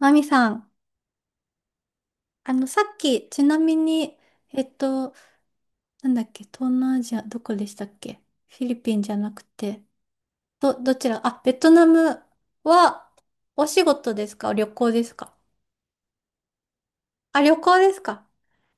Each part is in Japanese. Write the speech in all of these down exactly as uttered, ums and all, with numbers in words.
マミさん、あの、さっき、ちなみに、えっと、なんだっけ、東南アジア、どこでしたっけ？フィリピンじゃなくて、ど、どちら、あ、ベトナムは、お仕事ですか？旅行ですか？あ、旅行ですか？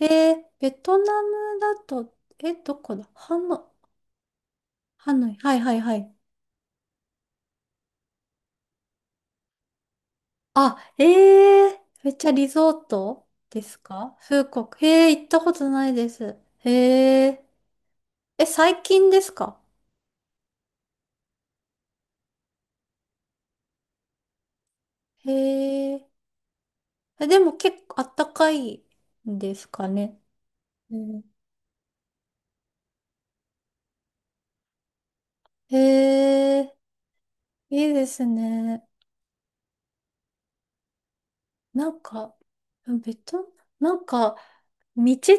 えー、ベトナムだと、え、どこだ？ハノ、ハノイ、はいはいはい。あ、えー、めっちゃリゾートですか？フーコク、えー、行ったことないです。えー、え、最近ですか？へえ。え、でも結構あったかいんですかね。うん、へえ、いいですね。なんか、ベト、なんか、道で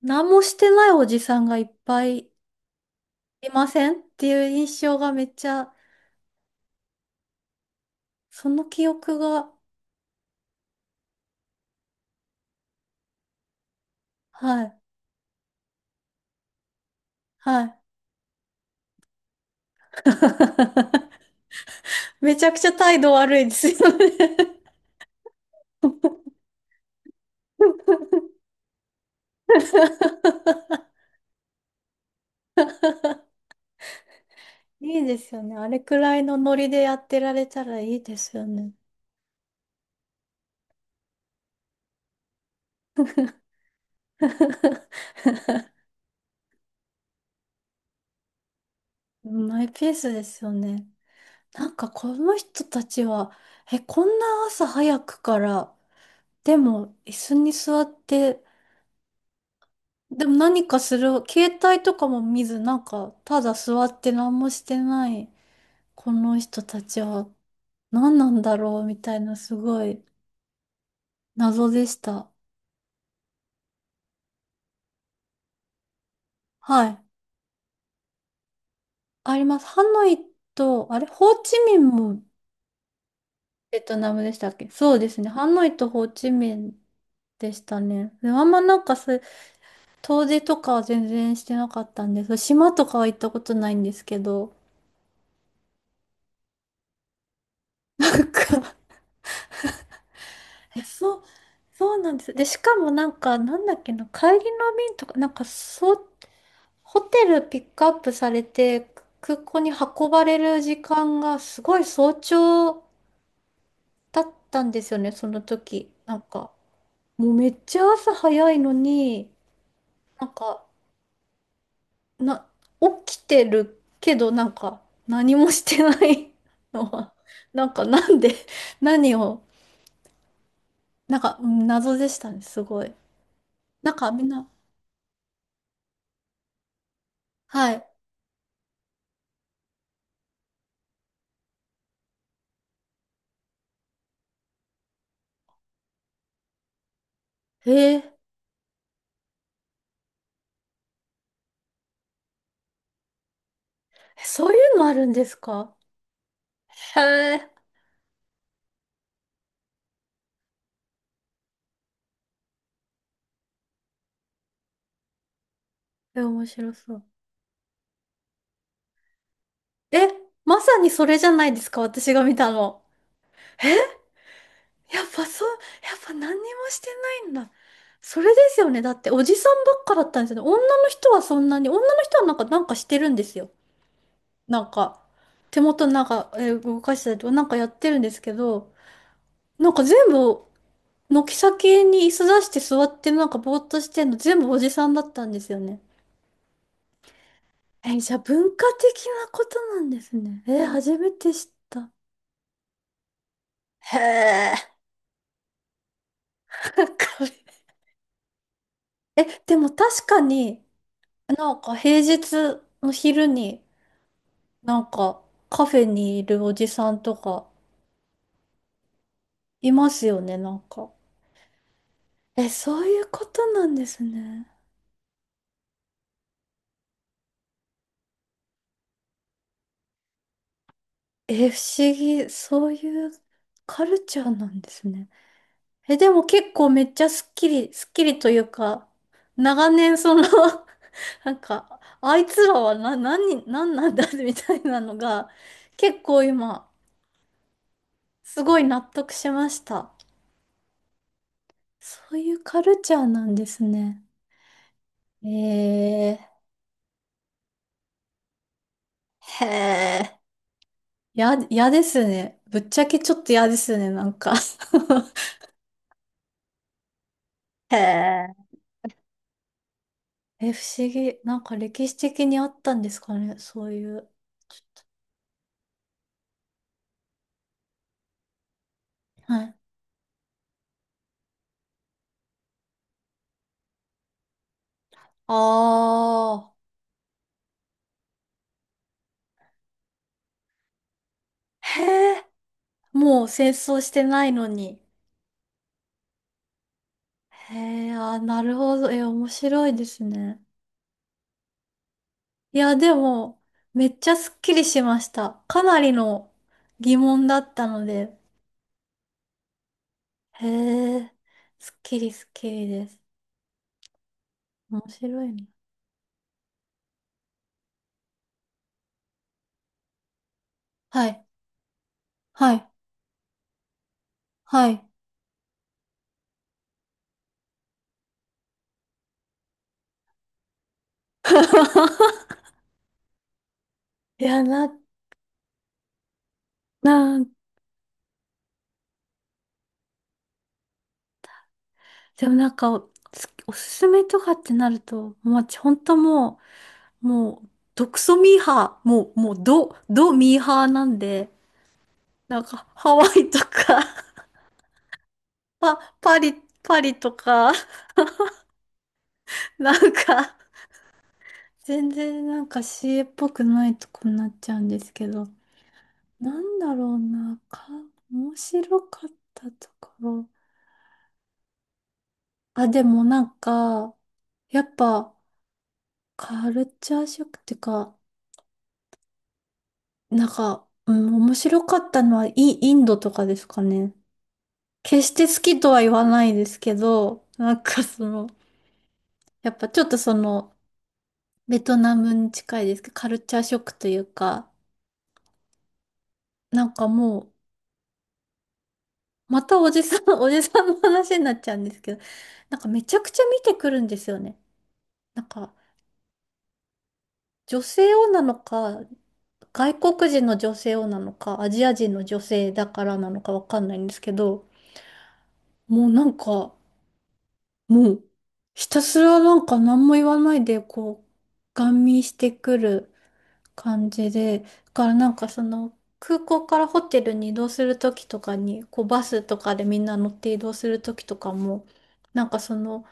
何もしてないおじさんがいっぱいいませんっていう印象がめっちゃ、その記憶が、はい、はい。めちゃくちゃ態度悪いですよね。 いいですよね。あれくらいのノリでやってられたらいいですよね。マイペースですよね。なんかこの人たちは、え、こんな朝早くから、でも椅子に座って、でも何かする、携帯とかも見ず、なんかただ座って何もしてない、この人たちは何なんだろうみたいなすごい謎でした。はい。あります。ハノイと、あれ、ホーチミンもベトナムでしたっけ？そうですね。ハノイとホーチミンでしたね。であんまなんかそういう遠出とかは全然してなかったんです。島とかは行ったことないんですけど。なんか え、そう、そうなんです。で、しかもなんか、なんだっけな、帰りの便とか、なんかそう、ホテルピックアップされて、空港に運ばれる時間がすごい早朝だったんですよね、その時。なんか、もうめっちゃ朝早いのに、なんか、な、起きてるけど、なんか、何もしてないのは、なんか、なんで、何を、なんか、うん、謎でしたね、すごい。なんか、みんな、はい。へえ、そういうのあるんですか？へえ、え面白そう。え、まさにそれじゃないですか、私が見たの。やっぱそう、やっぱ何にもしてないんだ。それですよね。だっておじさんばっかだったんですよね。女の人はそんなに、女の人はなんか、なんかしてるんですよ。なんか、手元なんか、えー動かしたりとか、なんかやってるんですけど、なんか全部、軒先に椅子出して座ってなんかぼーっとしてんの全部おじさんだったんですよね。えーじゃあ文化的なことなんですね。えー初めて知った。へえ。これえ、でも確かに、なんか平日の昼に、なんかカフェにいるおじさんとかいますよね、なんか。え、そういうことなんですね。え、不思議。そういうカルチャーなんですね。え、でも結構めっちゃスッキリ、スッキリというか、長年その なんか、あいつらはな、何、何なんだ みたいなのが、結構今、すごい納得しました。そういうカルチャーなんですね。えー、へえ、や、嫌ですね。ぶっちゃけちょっと嫌ですね、なんか へえ。え、不思議。なんか歴史的にあったんですかね、そういう。ちょっとはい。ああ。へえ、もう戦争してないのに。へえ、あー、なるほど。え、面白いですね。いや、でも、めっちゃすっきりしました。かなりの疑問だったので。へえ、すっきりすっきりです。面白いね。はい、はい、はい。いや、な、なんでもなんかお、すおすすめとかってなると、もう私本当もう、もう、毒ソミーハー、もう、もう、ド、ドミーハーなんで、なんか、ハワイとか、パ、パリ、パリとか、なんか、全然なんか シーエー っぽくないとこになっちゃうんですけど、なんだろうな、か、面白かったところ。あ、でもなんか、やっぱ、カルチャーショックっていうか、なんか、うん、面白かったのはイ、インドとかですかね。決して好きとは言わないですけど、なんかその、やっぱちょっとその、ベトナムに近いですけど、カルチャーショックというか、なんかもう、またおじさん、おじさんの話になっちゃうんですけど、なんかめちゃくちゃ見てくるんですよね。なんか、女性をなのか、外国人の女性をなのか、アジア人の女性だからなのかわかんないんですけど、もうなんか、もう、ひたすらなんか何も言わないで、こう、ガン見してくる感じで、だからなんかその、空港からホテルに移動するときとかに、こう、バスとかでみんな乗って移動するときとかも、なんかその、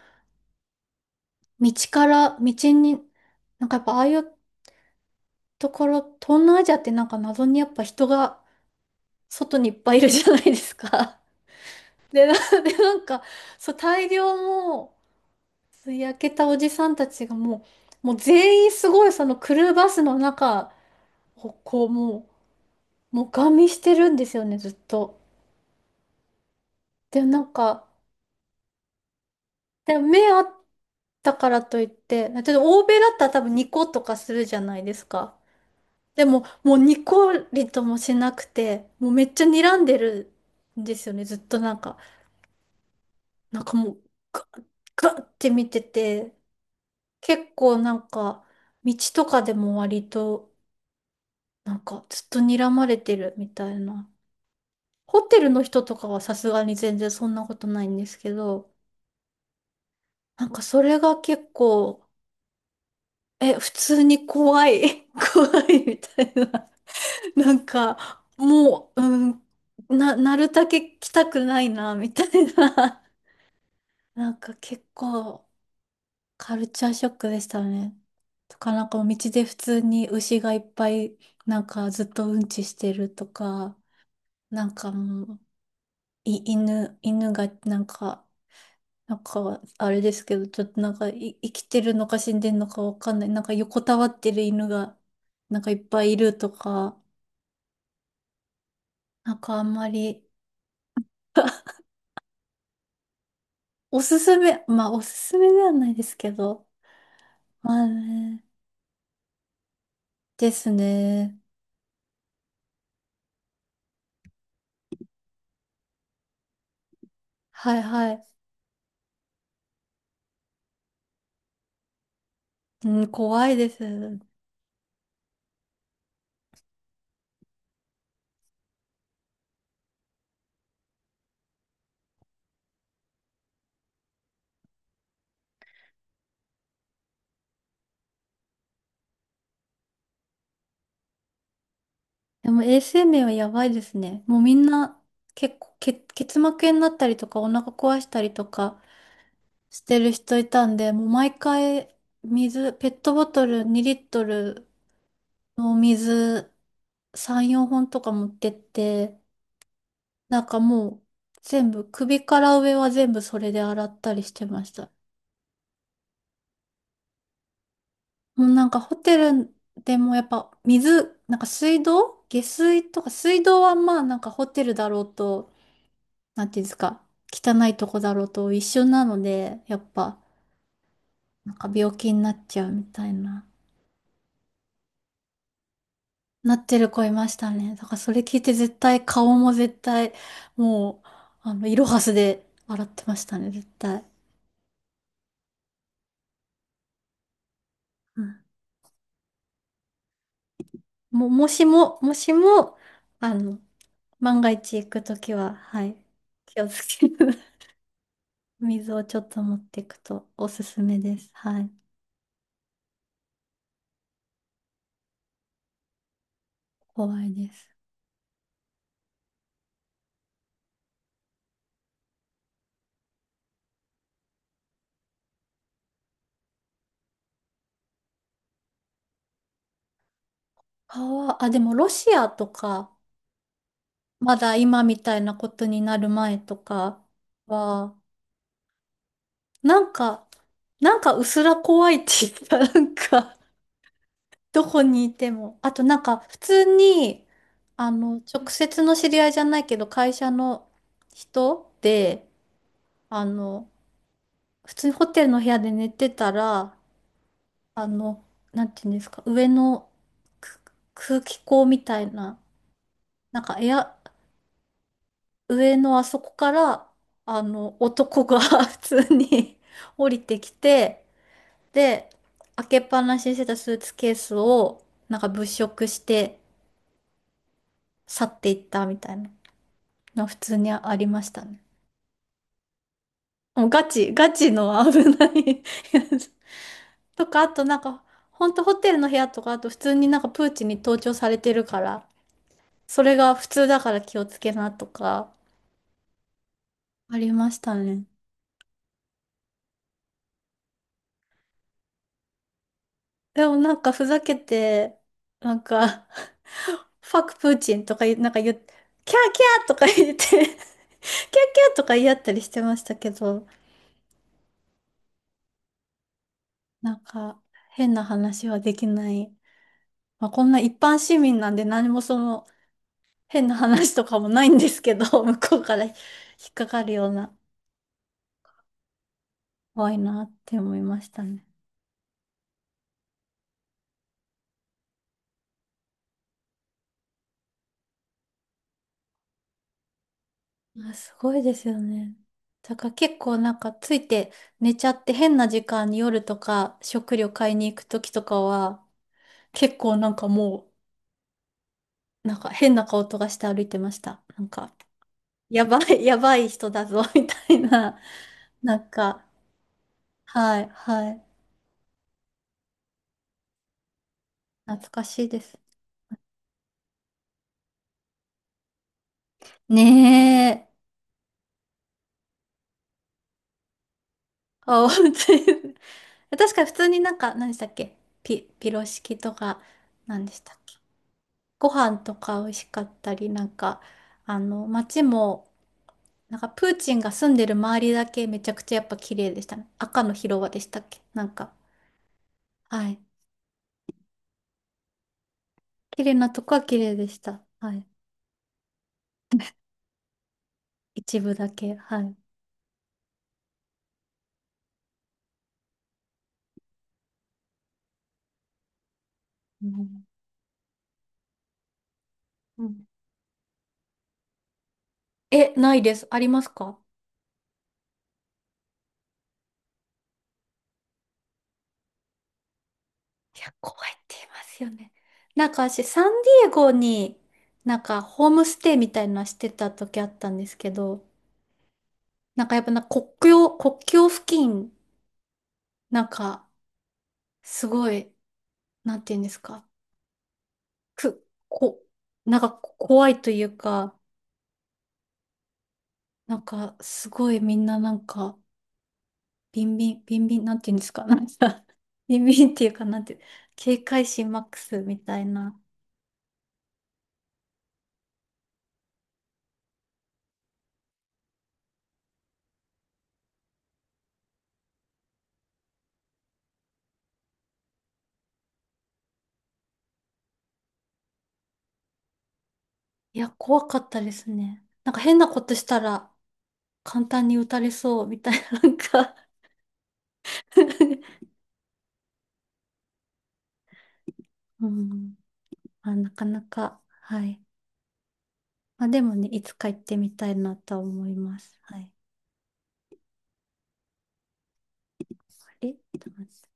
道から、道に、なんかやっぱああいうところ、東南アジアってなんか謎にやっぱ人が外にいっぱいいるじゃないですか。で、な、で、なんか、そう、大量も、焼けたおじさんたちがもう、もう全員すごいそのクルーバスの中をこうもう、もうガン見してるんですよね、ずっと。で、なんか、で、目あったからといって、例えば欧米だったら多分ニコとかするじゃないですか。でも、もうニコリともしなくて、もうめっちゃ睨んでるんですよね、ずっとなんか、なんかもう、ガッガッって見てて、結構なんか、道とかでも割と、なんかずっと睨まれてるみたいな。ホテルの人とかはさすがに全然そんなことないんですけど、なんかそれが結構、え、普通に怖い、怖いみたいな。なんか、もう、うん、な、なるだけ来たくないな、みたいな。なんか結構カルチャーショックでしたね。とか、なんか道で普通に牛がいっぱい、なんかずっとうんちしてるとか、なんかもう、い、犬、犬がなんか、なんか、あれですけど、ちょっとなんか、い、生きてるのか死んでるのかわかんない。なんか横たわってる犬が、なんかいっぱいいるとか、なんかあんまり おすすめ、まあおすすめではないですけど、まあね、ですね。はいはい。うん、怖いです。でも衛生面はやばいですね。もうみんな、結構、け、結膜炎になったりとか、お腹壊したりとか、してる人いたんで、もう毎回水、ペットボトルにリットルのお水さん、よんほんとか持ってって、なんかもう全部、首から上は全部それで洗ったりしてました。もうなんかホテルでもやっぱ水、なんか水道下水とか水道はまあなんかホテルだろうと、なんていうんですか、汚いとこだろうと一緒なので、やっぱなんか病気になっちゃうみたいな。なってる子いましたね。だからそれ聞いて絶対顔も絶対もうあのイロハスで笑ってましたね、絶対。うん。も、もしも、もしも、あの、万が一行くときは、はい、気をつける。水をちょっと持っていくとおすすめです。はい。怖いです。川、あ、でもロシアとか、まだ今みたいなことになる前とかは、なんか、なんかうすら怖いって言ったら、なんかどこにいても。あとなんか普通に、あの、直接の知り合いじゃないけど、会社の人で、あの、普通にホテルの部屋で寝てたら、あの、なんていうんですか、上のく空気口みたいな、なんかエア、上のあそこから、あの、男が 普通に 降りてきて、で、開けっぱなしにしてたスーツケースを、なんか物色して去っていったみたいな。の普通にありましたね。もうガチ、ガチの危ないやつとか、あとなんか、ほんとホテルの部屋とか、あと普通になんかプーチンに盗聴されてるから、それが普通だから気をつけなとか、ありましたね。でもなんかふざけて、なんか ファクプーチンとか言う、なんか言う、キャーキャーとか言ってキャーキャーとか言い合ったりしてましたけど、なんか変な話はできない。まあ、こんな一般市民なんで何もその、変な話とかもないんですけど、向こうから引っかかるような、怖いなって思いましたね。あ、すごいですよね。だから結構なんかついて寝ちゃって変な時間に夜とか食料買いに行く時とかは結構なんかもうなんか変な顔とかして歩いてました。なんかやばい、やばい人だぞ みたいな。なんか、はい、はい。懐かしいです。ねえ。あ、普通に 確かに普通になんか、何でしたっけピ、ピロシキとか、何でしたっけご飯とか美味しかったり、なんか、あの、街も、なんかプーチンが住んでる周りだけめちゃくちゃやっぱ綺麗でしたね。赤の広場でしたっけなんか、はい。綺麗なとこは綺麗でした。はい。一部だけ、はい。うん、うん。え、ないです。ありますか？いや、怖いって言いますよね。なんか私、サンディエゴに、なんかホームステイみたいなのしてた時あったんですけど、なんかやっぱな国境、国境付近、なんか、すごい、なんて言うんですか、く、こ、なんかこ怖いというか、なんかすごいみんななんか、ビンビン、ビンビン、なんて言うんですか、なんか、ビンビンっていうか、なんて、警戒心マックスみたいな。いや、怖かったですね。なんか変なことしたら、簡単に打たれそうみたいな、なんか うん。まあ、なかなか、はい。まあでもね、いつか行ってみたいなとは思います。はい。あれちょっと待って